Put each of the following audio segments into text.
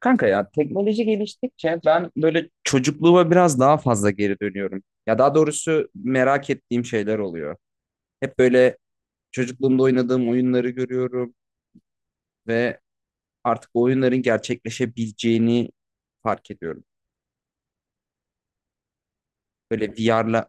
Kanka ya teknoloji geliştikçe ben böyle çocukluğuma biraz daha fazla geri dönüyorum. Ya daha doğrusu merak ettiğim şeyler oluyor. Hep böyle çocukluğumda oynadığım oyunları görüyorum ve artık o oyunların gerçekleşebileceğini fark ediyorum. Böyle VR'la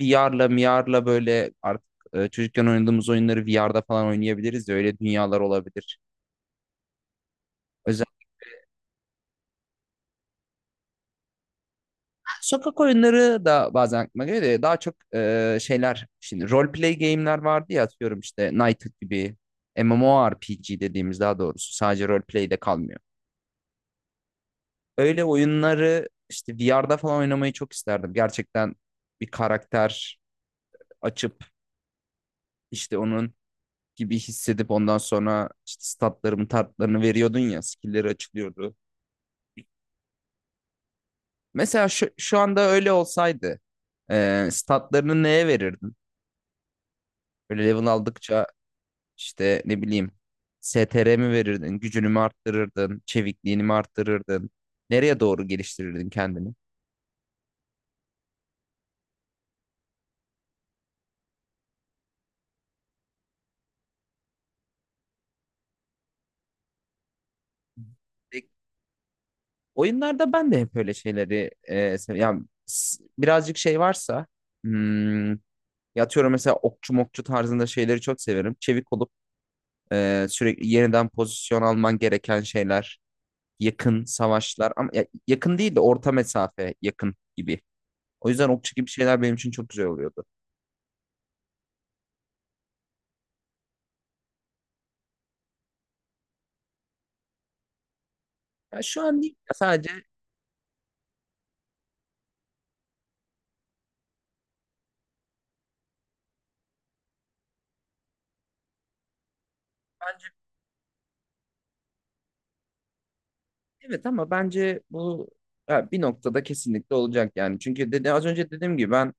VR'la MR'la böyle artık çocukken oynadığımız oyunları VR'da falan oynayabiliriz ya öyle dünyalar olabilir. Sokak oyunları da bazen aklıma geliyor da daha çok şeyler şimdi role play game'ler vardı ya atıyorum işte Knighted gibi MMORPG dediğimiz daha doğrusu sadece role play de kalmıyor. Öyle oyunları işte VR'da falan oynamayı çok isterdim. Gerçekten bir karakter açıp işte onun gibi hissedip ondan sonra işte statlarımı tartlarını veriyordun ya skill'leri açılıyordu. Mesela şu anda öyle olsaydı statlarını neye verirdin? Böyle level aldıkça İşte ne bileyim STR mi verirdin, gücünü mü arttırırdın, çevikliğini mi arttırırdın? Nereye doğru geliştirirdin kendini? E, Oyunlarda ben de hep öyle şeyleri birazcık şey varsa hmm, yatıyorum mesela okçu mokçu tarzında şeyleri çok severim. Çevik olup sürekli yeniden pozisyon alman gereken şeyler, yakın savaşlar ama yakın değil de orta mesafe yakın gibi. O yüzden okçu gibi şeyler benim için çok güzel oluyordu. Ya şu an değil ya sadece evet ama bence bu ya bir noktada kesinlikle olacak yani. Çünkü az önce dediğim gibi ben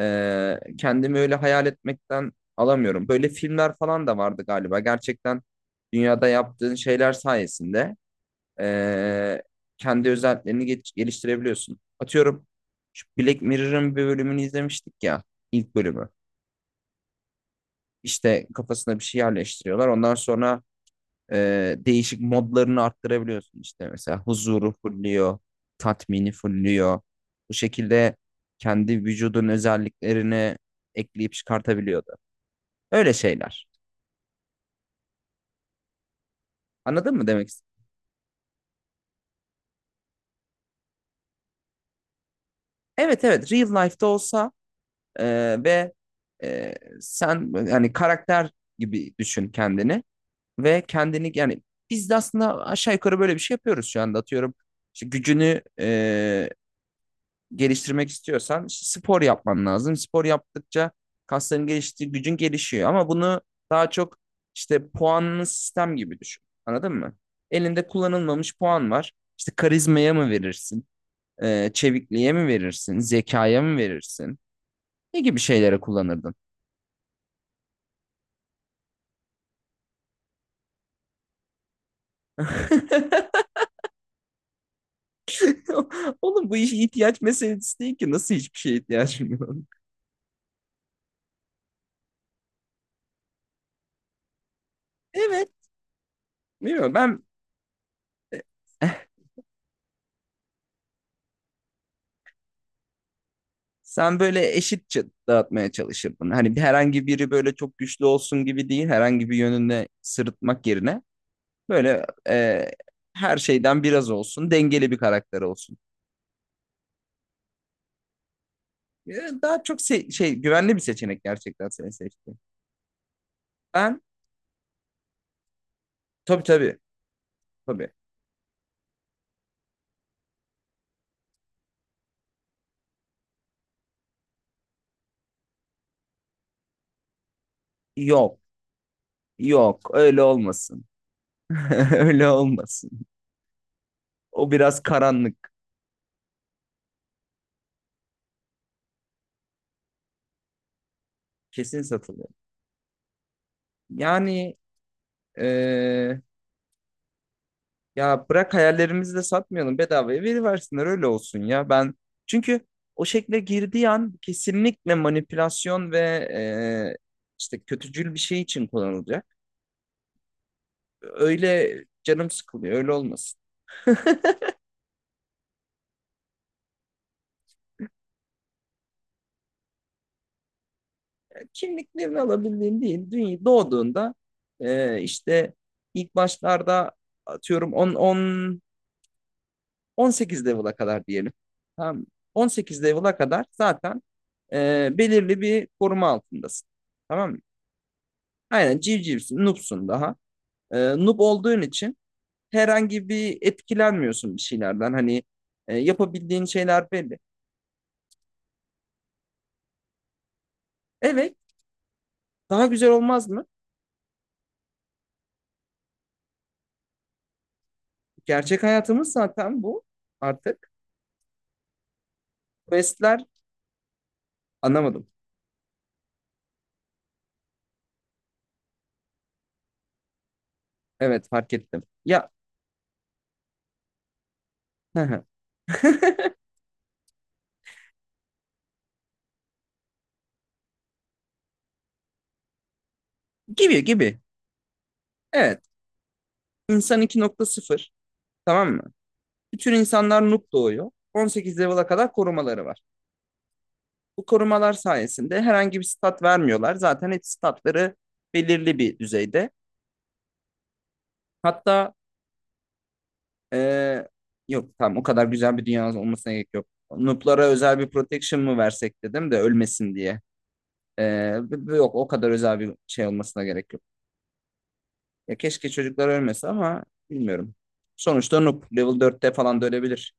kendimi öyle hayal etmekten alamıyorum. Böyle filmler falan da vardı galiba. Gerçekten dünyada yaptığın şeyler sayesinde e, kendi özelliklerini geliştirebiliyorsun. Atıyorum şu Black Mirror'ın bir bölümünü izlemiştik ya ilk bölümü. İşte kafasına bir şey yerleştiriyorlar. Ondan sonra değişik modlarını arttırabiliyorsun işte mesela huzuru fulluyor, tatmini fulluyor. Bu şekilde kendi vücudun özelliklerini ekleyip çıkartabiliyordu. Öyle şeyler. Anladın mı demek istedim? Evet evet real life'da olsa e, ve e, sen yani karakter gibi düşün kendini ve kendini yani biz de aslında aşağı yukarı böyle bir şey yapıyoruz şu anda atıyorum. İşte gücünü geliştirmek istiyorsan işte spor yapman lazım. Spor yaptıkça kasların geliştiği gücün gelişiyor ama bunu daha çok işte puanlı sistem gibi düşün. Anladın mı? Elinde kullanılmamış puan var. İşte karizmaya mı verirsin? Çevikliğe mi verirsin? Zekaya mı verirsin? Ne gibi şeylere kullanırdın? Oğlum bu iş ihtiyaç meselesi değil ki. Nasıl hiçbir şeye ihtiyacım yok? Evet. Bilmiyorum ben. Sen böyle eşitçe dağıtmaya çalışırdın. Hani herhangi biri böyle çok güçlü olsun gibi değil, herhangi bir yönünde sırıtmak yerine böyle her şeyden biraz olsun, dengeli bir karakter olsun. E, Daha çok şey, güvenli bir seçenek gerçekten seni seçtim. Ben tabii tabii tabii. Yok, yok öyle olmasın. Öyle olmasın. O biraz karanlık. Kesin satılıyor. Yani e, ya bırak hayallerimizi de satmayalım bedavaya veriversinler öyle olsun ya. Ben çünkü o şekle girdiği an kesinlikle manipülasyon ve e, işte kötücül bir şey için kullanılacak. Öyle canım sıkılıyor öyle olmasın. Kimliklerini alabildiğin değil. Dünya doğduğunda işte ilk başlarda atıyorum 10 10 18 level'a kadar diyelim. Tamam. 18 level'a kadar zaten belirli bir koruma altındasın. Tamam mı? Aynen civcivsin, noobsun daha. Ee, Noob olduğun için herhangi bir etkilenmiyorsun bir şeylerden. Hani yapabildiğin şeyler belli. Evet, daha güzel olmaz mı? Gerçek hayatımız zaten bu artık. Questler anlamadım. Evet, fark ettim. Ya, hı hı. Gibi gibi. Evet, insan 2.0, tamam mı? Bütün insanlar noob doğuyor. 18 level'a kadar korumaları var. Bu korumalar sayesinde herhangi bir stat vermiyorlar. Zaten hep statları belirli bir düzeyde. Hatta eee, yok, tamam, o kadar güzel bir dünyanız olmasına gerek yok. Noob'lara özel bir protection mı versek dedim de ölmesin diye. Yok, o kadar özel bir şey olmasına gerek yok. Ya keşke çocuklar ölmese ama bilmiyorum. Sonuçta noob level dörtte falan da ölebilir.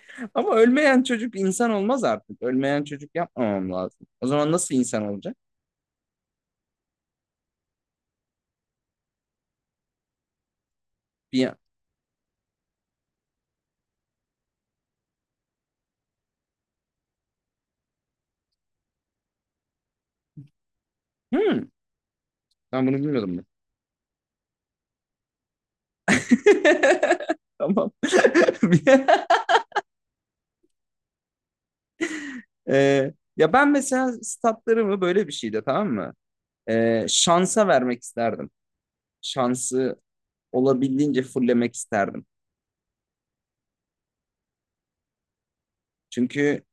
Ama ölmeyen çocuk insan olmaz artık. Ölmeyen çocuk yapmamam lazım. O zaman nasıl insan olacak? Bir Hmm, Ben bunu bilmiyordum. Ben. Tamam. Ya ben mesela statlarımı böyle bir şeyde, tamam mı? Şansa vermek isterdim. Şansı olabildiğince fullemek isterdim. Çünkü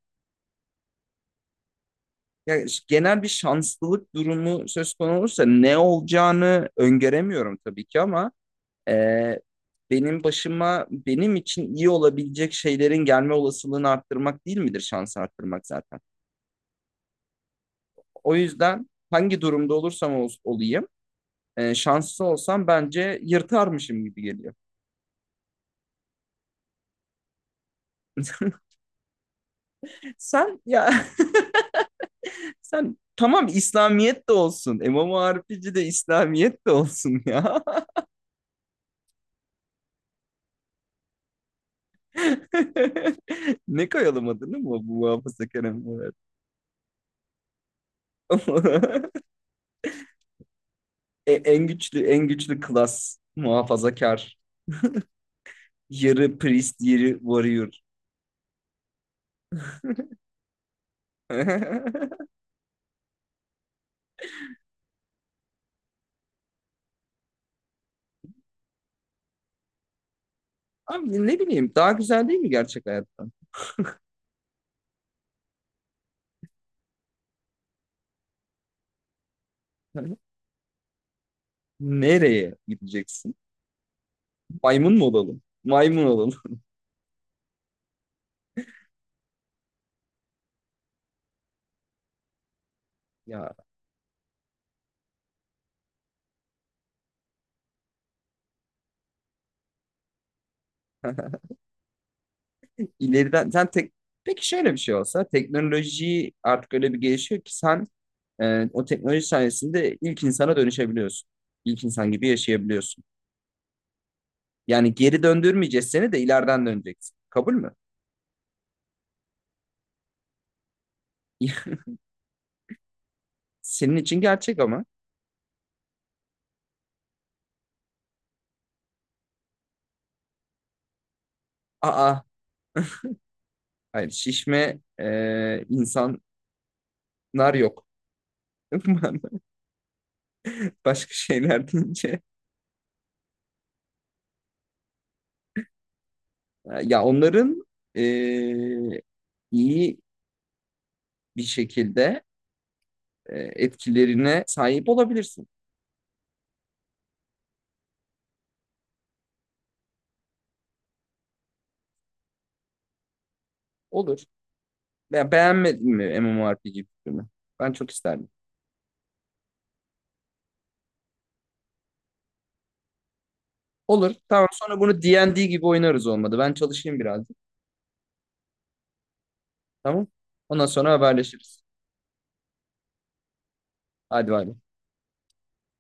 ya, genel bir şanslılık durumu söz konusu olursa ne olacağını öngöremiyorum tabii ki ama e, benim başıma benim için iyi olabilecek şeylerin gelme olasılığını arttırmak değil midir şansı arttırmak zaten. O yüzden hangi durumda olursam olayım, şanslı olsam bence yırtarmışım gibi geliyor. Sen ya. Sen, tamam, İslamiyet de olsun. MMORPG de İslamiyet de olsun ya. Ne koyalım adını mı bu muhafazakar MMORPG? En güçlü en güçlü klas muhafazakar. Yarı priest, yarı warrior. Abi ne bileyim daha güzel değil mi gerçek hayattan? Nereye gideceksin? Maymun mu olalım? Maymun olalım. Ya ileriden sen tek peki şöyle bir şey olsa, teknoloji artık öyle bir gelişiyor ki sen o teknoloji sayesinde ilk insana dönüşebiliyorsun. İlk insan gibi yaşayabiliyorsun. Yani geri döndürmeyeceğiz seni de ileriden döneceksin. Kabul mü? Senin için gerçek ama. Aa, hayır, şişme insanlar yok. Başka şeyler deyince. Ya onların e, iyi bir şekilde etkilerine sahip olabilirsin. Olur. Ya beğenmedin mi MMORPG filmi? Ben çok isterdim. Olur. Tamam. Sonra bunu D and D gibi oynarız olmadı. Ben çalışayım birazcık. Tamam. Ondan sonra haberleşiriz. Hadi bay bay.